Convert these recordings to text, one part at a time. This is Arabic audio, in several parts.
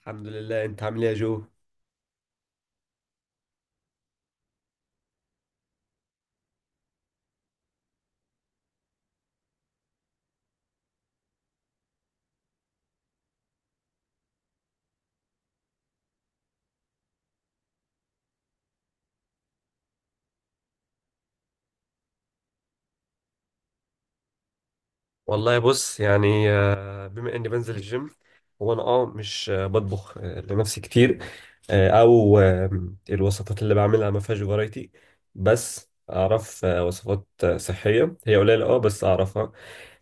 الحمد لله، انت عامل ايه يا جو؟ والله بص يعني، بما اني بنزل الجيم، هو انا مش بطبخ لنفسي كتير. او الوصفات اللي بعملها ما فيهاش فرايتي. بس اعرف وصفات صحية، هي قليلة بس اعرفها.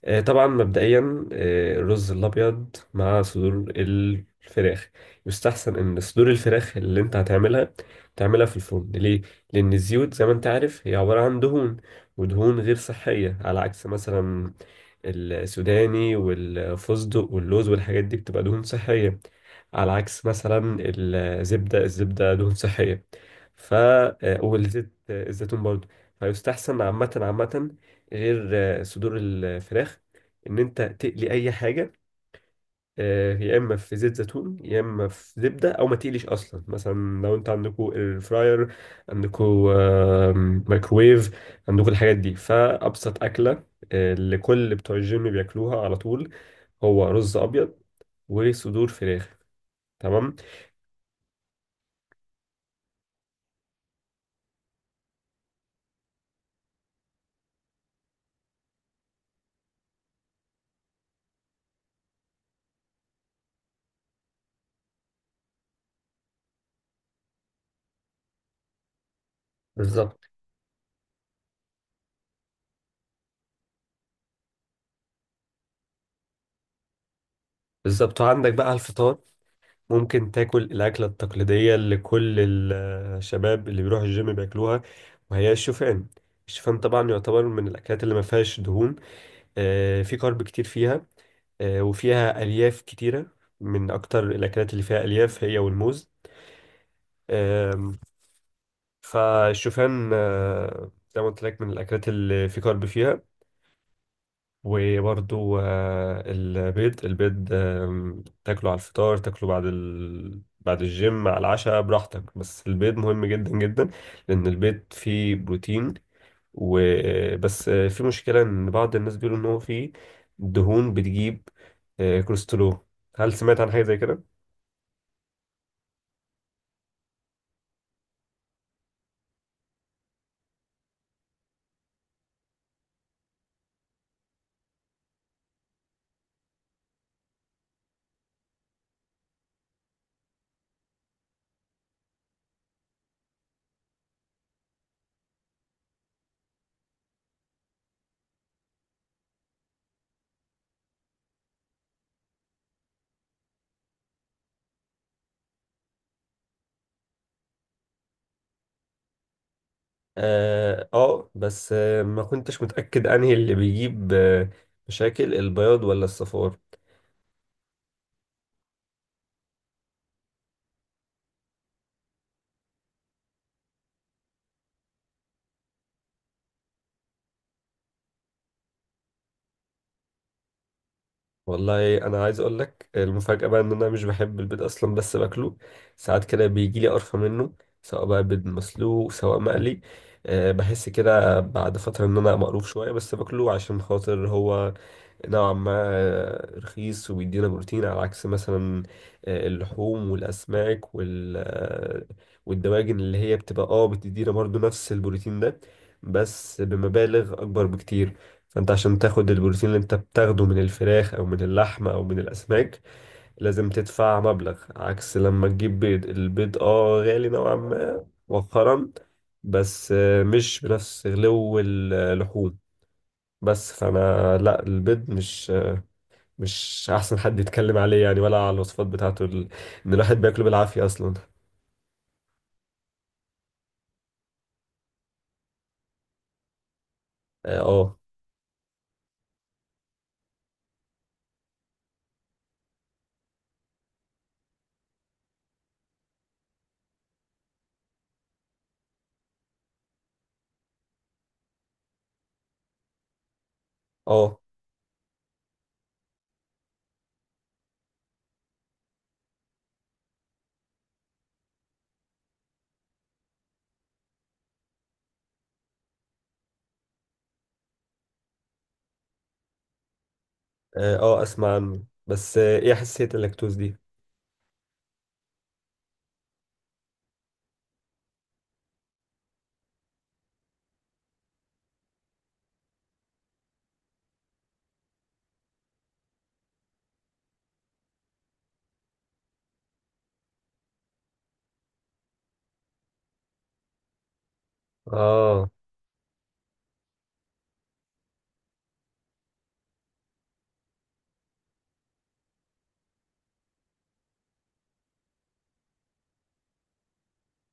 طبعا مبدئيا، الرز الابيض مع صدور الفراخ. يستحسن ان صدور الفراخ اللي انت هتعملها، تعملها في الفرن، ليه؟ لان الزيوت زي ما انت عارف هي عباره عن دهون، ودهون غير صحيه، على عكس مثلا السوداني والفستق واللوز والحاجات دي بتبقى دهون صحيه. على عكس مثلا الزبده دهون صحيه. ف آه، والزيت الزيتون برضه. فيستحسن عامه عامه، غير صدور الفراخ، ان انت تقلي اي حاجه، يا اما في زيت زيتون يا اما في زبده، او ما تقليش اصلا مثلا. لو انت عندكوا الفراير، عندكوا آه، مايكرويف، عندكوا الحاجات دي، فابسط اكله اللي كل بتوع الجيم بياكلوها على طول، هو رز ابيض وصدور فراخ. تمام. بالظبط. بالظبط، وعندك بقى الفطار. ممكن تاكل الأكلة التقليدية اللي كل الشباب اللي بيروحوا الجيم بياكلوها، وهي الشوفان. الشوفان طبعا يعتبر من الأكلات اللي ما فيهاش دهون. في كارب كتير فيها، وفيها ألياف كتيرة، من أكتر الأكلات اللي فيها ألياف هي والموز. آم، فالشوفان زي ما قلت لك من الأكلات اللي في كارب فيها. وبرضو البيض تاكله على الفطار، تاكله بعد بعد الجيم على العشاء براحتك، بس البيض مهم جدا جدا. لأن البيض فيه بروتين، وبس في مشكلة إن بعض الناس بيقولوا إن هو فيه دهون بتجيب كوليسترول. هل سمعت عن حاجة زي كده؟ اه، بس ما كنتش متأكد انهي اللي بيجيب مشاكل، البياض ولا الصفار. والله انا عايز اقول لك المفاجاه بقى، ان انا مش بحب البيض اصلا بس باكله. ساعات كده بيجي لي قرفه منه، سواء بقى بيض مسلوق سواء مقلي. أه، بحس كده بعد فتره ان انا مقروف شويه، بس باكله عشان خاطر هو نوعا ما رخيص وبيدينا بروتين. على عكس مثلا اللحوم والأسماك والدواجن اللي هي بتبقى بتدينا برضو نفس البروتين ده، بس بمبالغ أكبر بكتير. فأنت عشان تاخد البروتين اللي أنت بتاخده من الفراخ أو من اللحم أو من الأسماك، لازم تدفع مبلغ، عكس لما تجيب بيض. البيض غالي نوعا ما مؤخرا، بس مش بنفس غلو اللحوم. بس فانا، لا، البيض مش احسن حد يتكلم عليه يعني، ولا على الوصفات بتاعته، ان الواحد بياكله بالعافية اصلا. اه، اه، اه، اه، اسمع عنه، بس ايه حساسية اللاكتوز دي؟ اه.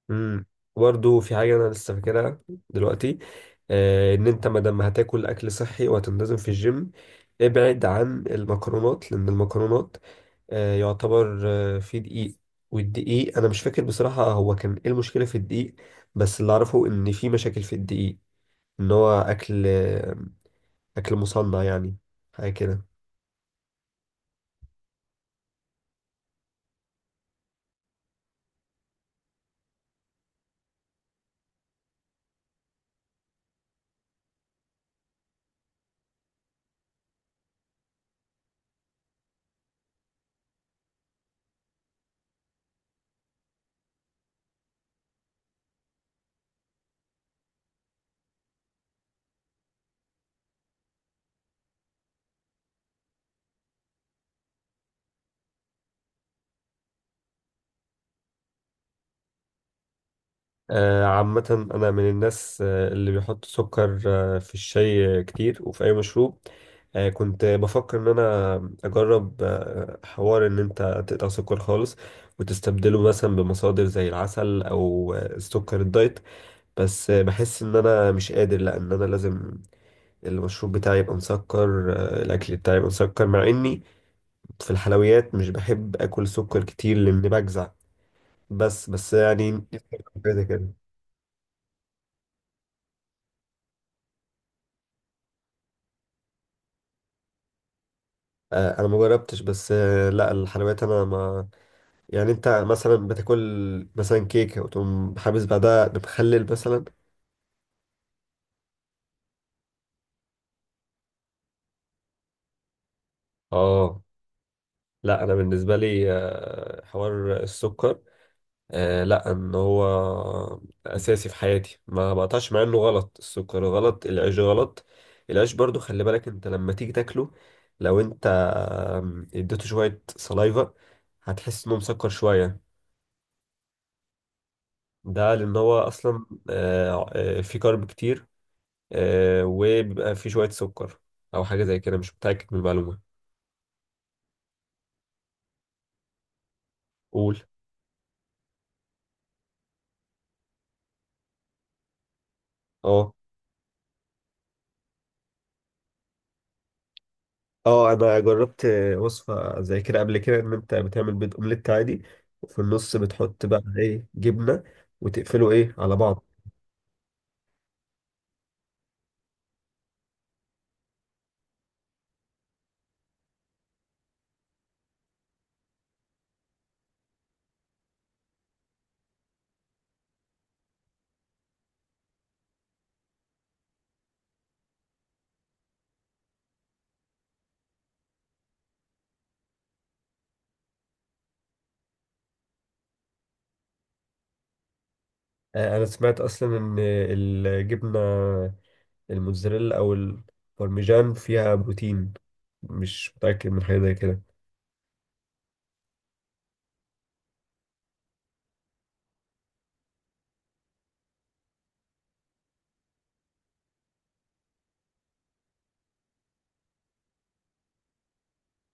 امم برضه في حاجة انا لسه فاكرها دلوقتي. آه، ان انت ما دام هتاكل اكل صحي وهتنتظم في الجيم، ابعد عن المكرونات، لان المكرونات يعتبر فيه دقيق. والدقيق، انا مش فاكر بصراحة هو كان ايه المشكلة في الدقيق، بس اللي اعرفه ان في مشاكل في الدقيق اللي هو أكل، أكل مصنع يعني، حاجة كده. عامة أنا من الناس اللي بيحط سكر في الشاي كتير، وفي أي مشروب. كنت بفكر إن أنا أجرب حوار إن أنت تقطع سكر خالص، وتستبدله مثلا بمصادر زي العسل أو السكر الدايت. بس بحس إن أنا مش قادر، لأ، إن أنا لازم المشروب بتاعي يبقى مسكر، الأكل بتاعي يبقى مسكر، مع إني في الحلويات مش بحب اكل سكر كتير لان بجزع. بس يعني كده كده. انا ما جربتش، بس لا الحلويات انا ما، يعني انت مثلا بتاكل مثلا كيكه وتقوم حابس بعدها بمخلل مثلا؟ اه، لا، انا بالنسبه لي حوار السكر لا، ان هو اساسي في حياتي، ما بقطعش، مع انه غلط، السكر غلط العيش غلط. العيش برضو، خلي بالك انت لما تيجي تاكله لو انت اديته شويه سلايفا، هتحس انه مسكر شويه. ده لأن هو أصلا فيه كارب كتير، وبيبقى فيه شوية سكر، أو حاجة زي كده، مش متأكد من المعلومة. قول. اه، اه، انا جربت وصفة زي كده قبل كده، ان انت بتعمل بيض اومليت عادي وفي النص بتحط بقى ايه، جبنة، وتقفله ايه على بعض. انا سمعت اصلا ان الجبنة الموتزاريلا او البارميجان فيها بروتين، مش متأكد من حاجة زي كده.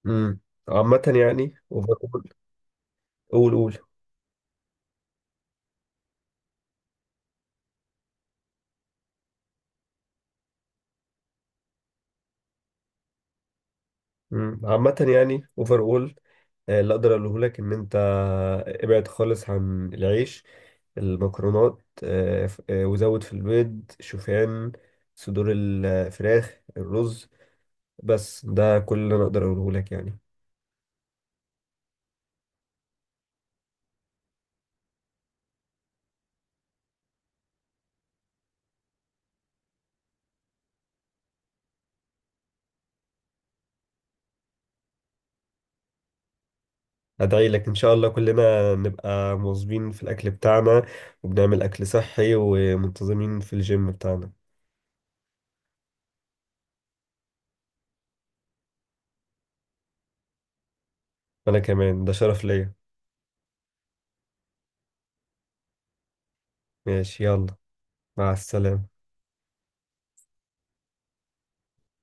امم عامة يعني قول، قول. مم. عامة يعني اوفر اول اللي اقدر اقوله لك ان انت ابعد خالص عن العيش، المكرونات، وزود في البيض، شوفان، صدور الفراخ، الرز، بس ده كل اللي انا اقدر اقوله لك يعني. ادعي لك ان شاء الله كلنا نبقى مواظبين في الاكل بتاعنا، وبنعمل اكل صحي، ومنتظمين في الجيم بتاعنا. انا كمان، ده شرف ليا. ماشي، يلا، مع السلامة.